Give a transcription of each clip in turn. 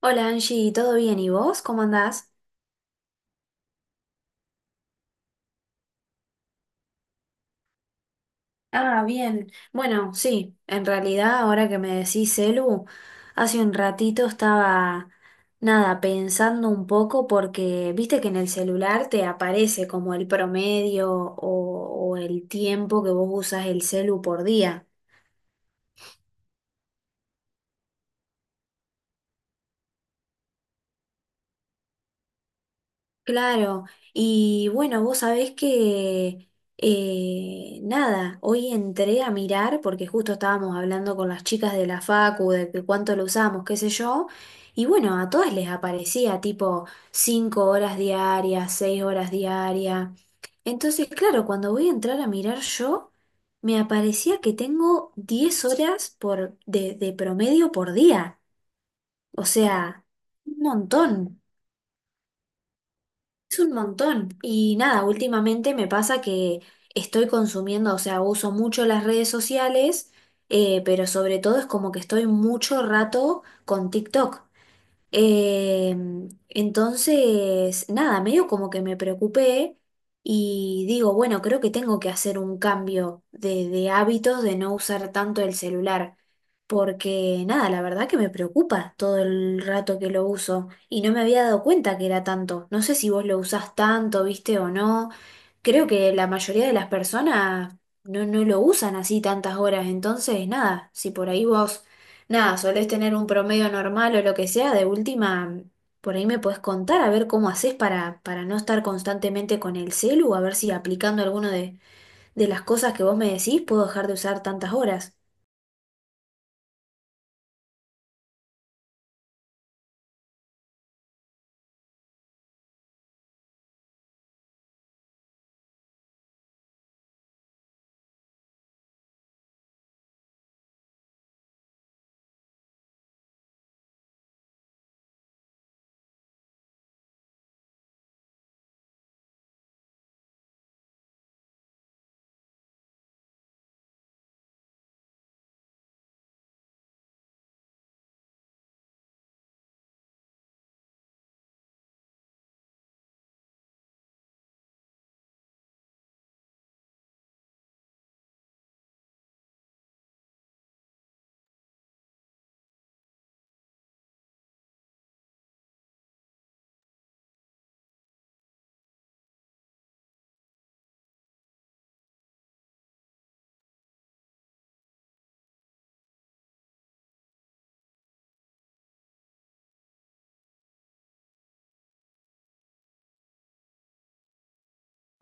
Hola Angie, ¿todo bien? ¿Y vos? ¿Cómo andás? Ah, bien. Bueno, sí, en realidad ahora que me decís celu, hace un ratito estaba, nada, pensando un poco porque viste que en el celular te aparece como el promedio o el tiempo que vos usas el celu por día. Claro, y bueno, vos sabés que nada, hoy entré a mirar, porque justo estábamos hablando con las chicas de la Facu, de que cuánto lo usamos, qué sé yo, y bueno, a todas les aparecía tipo 5 horas diarias, 6 horas diarias. Entonces, claro, cuando voy a entrar a mirar yo, me aparecía que tengo 10 horas por, de promedio por día, o sea, un montón. Es un montón. Y nada, últimamente me pasa que estoy consumiendo, o sea, uso mucho las redes sociales, pero sobre todo es como que estoy mucho rato con TikTok. Eh, entonces, nada, medio como que me preocupé y digo, bueno, creo que tengo que hacer un cambio de hábitos de no usar tanto el celular, porque nada, la verdad que me preocupa todo el rato que lo uso y no me había dado cuenta que era tanto. No sé si vos lo usás tanto, viste o no. Creo que la mayoría de las personas no lo usan así tantas horas, entonces, nada, si por ahí vos nada, solés tener un promedio normal o lo que sea, de última, por ahí me podés contar a ver cómo haces para no estar constantemente con el celu, a ver si aplicando alguno de las cosas que vos me decís puedo dejar de usar tantas horas.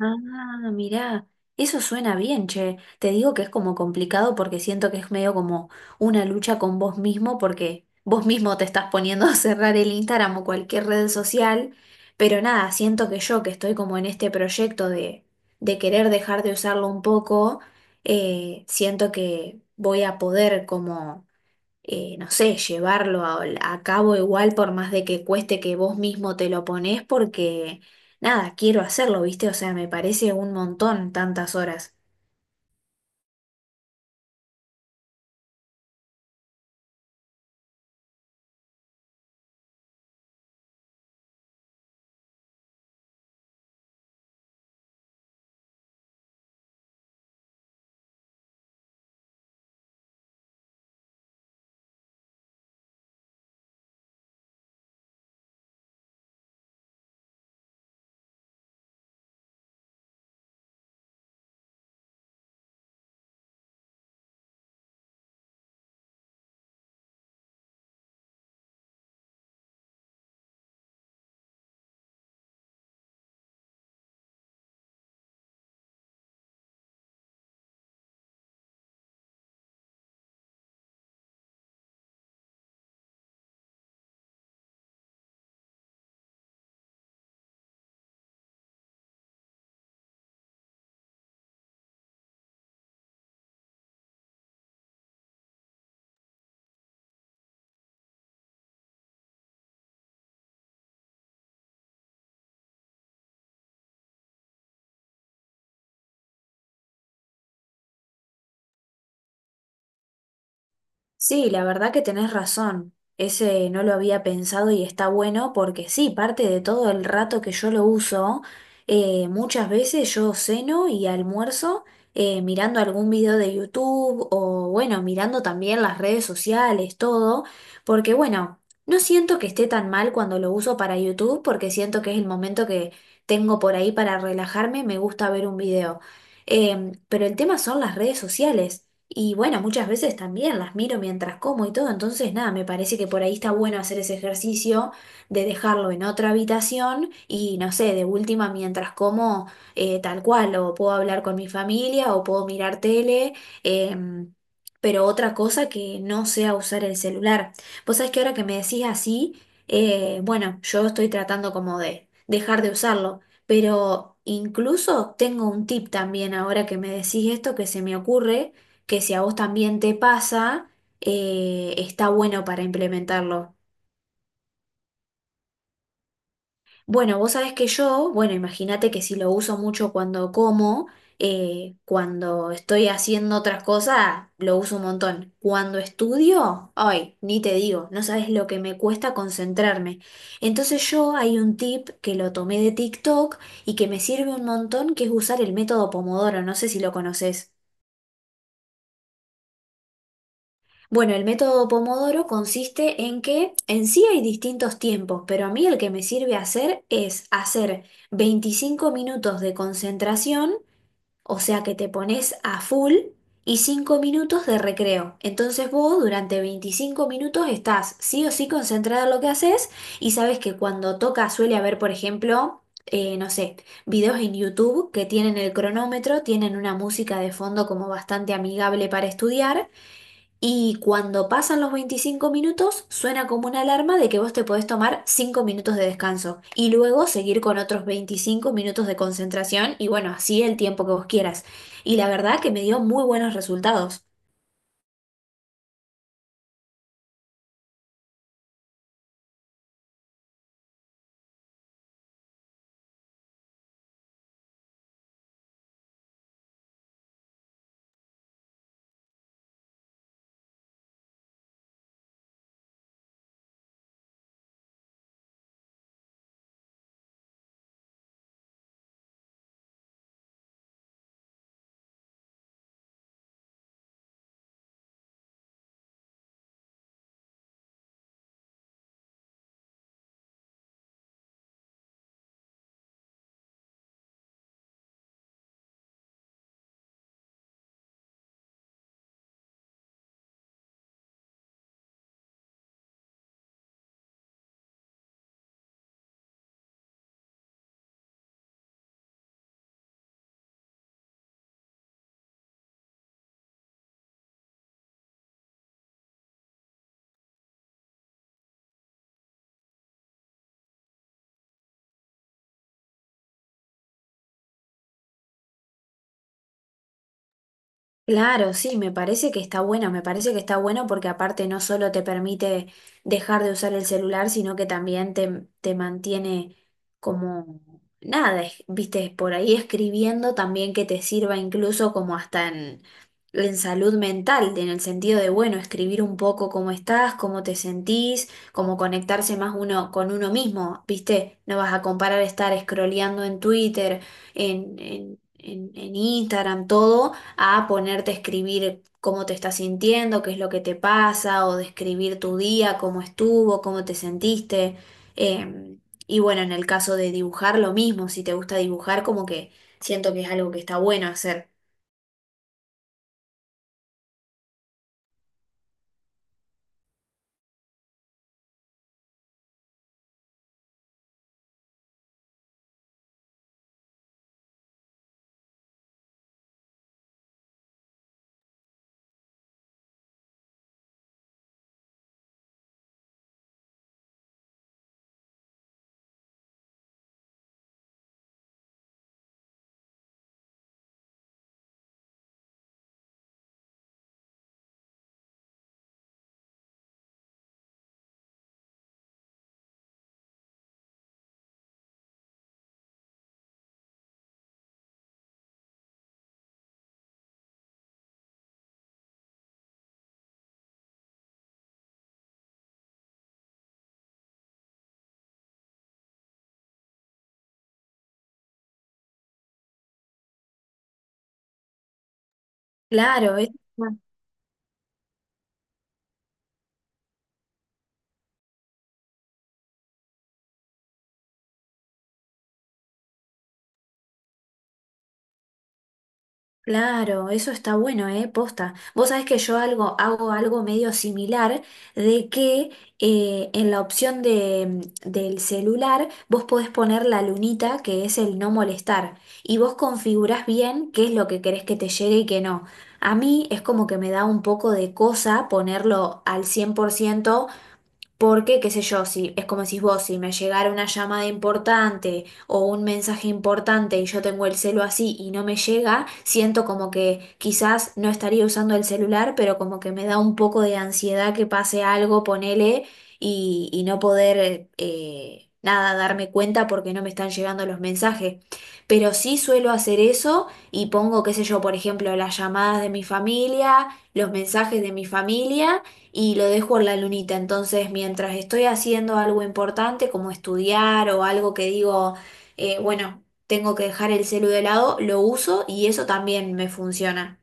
Ah, mirá, eso suena bien, che. Te digo que es como complicado porque siento que es medio como una lucha con vos mismo porque vos mismo te estás poniendo a cerrar el Instagram o cualquier red social, pero nada, siento que yo que estoy como en este proyecto de querer dejar de usarlo un poco, siento que voy a poder como no sé, llevarlo a cabo igual por más de que cueste que vos mismo te lo ponés porque, nada, quiero hacerlo, ¿viste? O sea, me parece un montón tantas horas. Sí, la verdad que tenés razón. Ese no lo había pensado y está bueno porque sí, parte de todo el rato que yo lo uso, muchas veces yo ceno y almuerzo mirando algún video de YouTube o bueno, mirando también las redes sociales, todo, porque bueno, no siento que esté tan mal cuando lo uso para YouTube porque siento que es el momento que tengo por ahí para relajarme, me gusta ver un video. Pero el tema son las redes sociales. Y bueno, muchas veces también las miro mientras como y todo, entonces nada, me parece que por ahí está bueno hacer ese ejercicio de dejarlo en otra habitación y no sé, de última mientras como tal cual, o puedo hablar con mi familia o puedo mirar tele, em, pero otra cosa que no sea usar el celular. Vos sabés que ahora que me decís así, bueno, yo estoy tratando como de dejar de usarlo, pero incluso tengo un tip también ahora que me decís esto que se me ocurre que si a vos también te pasa, está bueno para implementarlo. Bueno, vos sabés que yo, bueno, imagínate que si lo uso mucho cuando como, cuando estoy haciendo otras cosas, lo uso un montón. Cuando estudio, ay, ni te digo, no sabes lo que me cuesta concentrarme. Entonces yo hay un tip que lo tomé de TikTok y que me sirve un montón, que es usar el método Pomodoro, no sé si lo conoces. Bueno, el método Pomodoro consiste en que en sí hay distintos tiempos, pero a mí el que me sirve hacer es hacer 25 minutos de concentración, o sea que te pones a full, y 5 minutos de recreo. Entonces vos durante 25 minutos estás sí o sí concentrado en lo que haces y sabes que cuando toca suele haber, por ejemplo, no sé, videos en YouTube que tienen el cronómetro, tienen una música de fondo como bastante amigable para estudiar. Y cuando pasan los 25 minutos, suena como una alarma de que vos te podés tomar 5 minutos de descanso y luego seguir con otros 25 minutos de concentración y bueno, así el tiempo que vos quieras. Y la verdad que me dio muy buenos resultados. Claro, sí, me parece que está bueno, me parece que está bueno porque aparte no solo te permite dejar de usar el celular, sino que también te mantiene como nada, viste, por ahí escribiendo también que te sirva incluso como hasta en salud mental, en el sentido de, bueno, escribir un poco cómo estás, cómo te sentís, como conectarse más uno con uno mismo, viste, no vas a comparar estar scrolleando en Twitter, en, en en Instagram, todo a ponerte a escribir cómo te estás sintiendo, qué es lo que te pasa, o describir tu día, cómo estuvo, cómo te sentiste. Eh, y bueno, en el caso de dibujar, lo mismo, si te gusta dibujar, como que siento que es algo que está bueno hacer. Claro, es Claro, eso está bueno, ¿eh? Posta. Vos sabés que yo algo, hago algo medio similar de que en la opción de, del celular vos podés poner la lunita que es el no molestar y vos configurás bien qué es lo que querés que te llegue y qué no. A mí es como que me da un poco de cosa ponerlo al 100%. Porque, qué sé yo, si es como decís vos, si me llegara una llamada importante o un mensaje importante y yo tengo el celo así y no me llega, siento como que quizás no estaría usando el celular, pero como que me da un poco de ansiedad que pase algo, ponele, y no poder nada darme cuenta porque no me están llegando los mensajes. Pero sí suelo hacer eso y pongo, qué sé yo, por ejemplo, las llamadas de mi familia, los mensajes de mi familia y lo dejo en la lunita. Entonces, mientras estoy haciendo algo importante como estudiar o algo que digo, bueno, tengo que dejar el celu de lado, lo uso y eso también me funciona.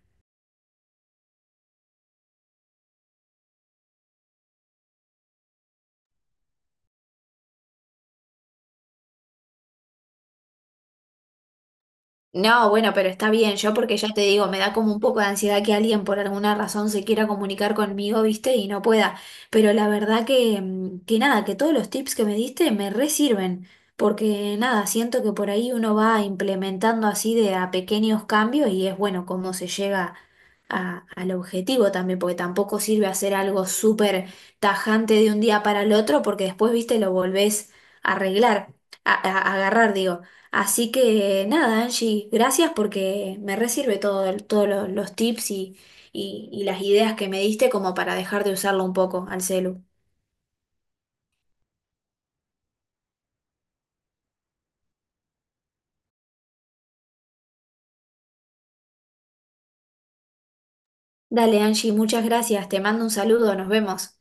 No, bueno, pero está bien, yo porque ya te digo, me da como un poco de ansiedad que alguien por alguna razón se quiera comunicar conmigo, ¿viste? Y no pueda. Pero la verdad que, que nada, que todos los tips que me diste me re sirven, porque nada, siento que por ahí uno va implementando así de a pequeños cambios y es bueno cómo se llega al objetivo también, porque tampoco sirve hacer algo súper tajante de un día para el otro, porque después, ¿viste? Lo volvés a arreglar, a agarrar, digo. Así que nada, Angie, gracias porque me resirve todo, todos los tips y las ideas que me diste como para dejar de usarlo un poco al celu. Dale, Angie, muchas gracias. Te mando un saludo, nos vemos.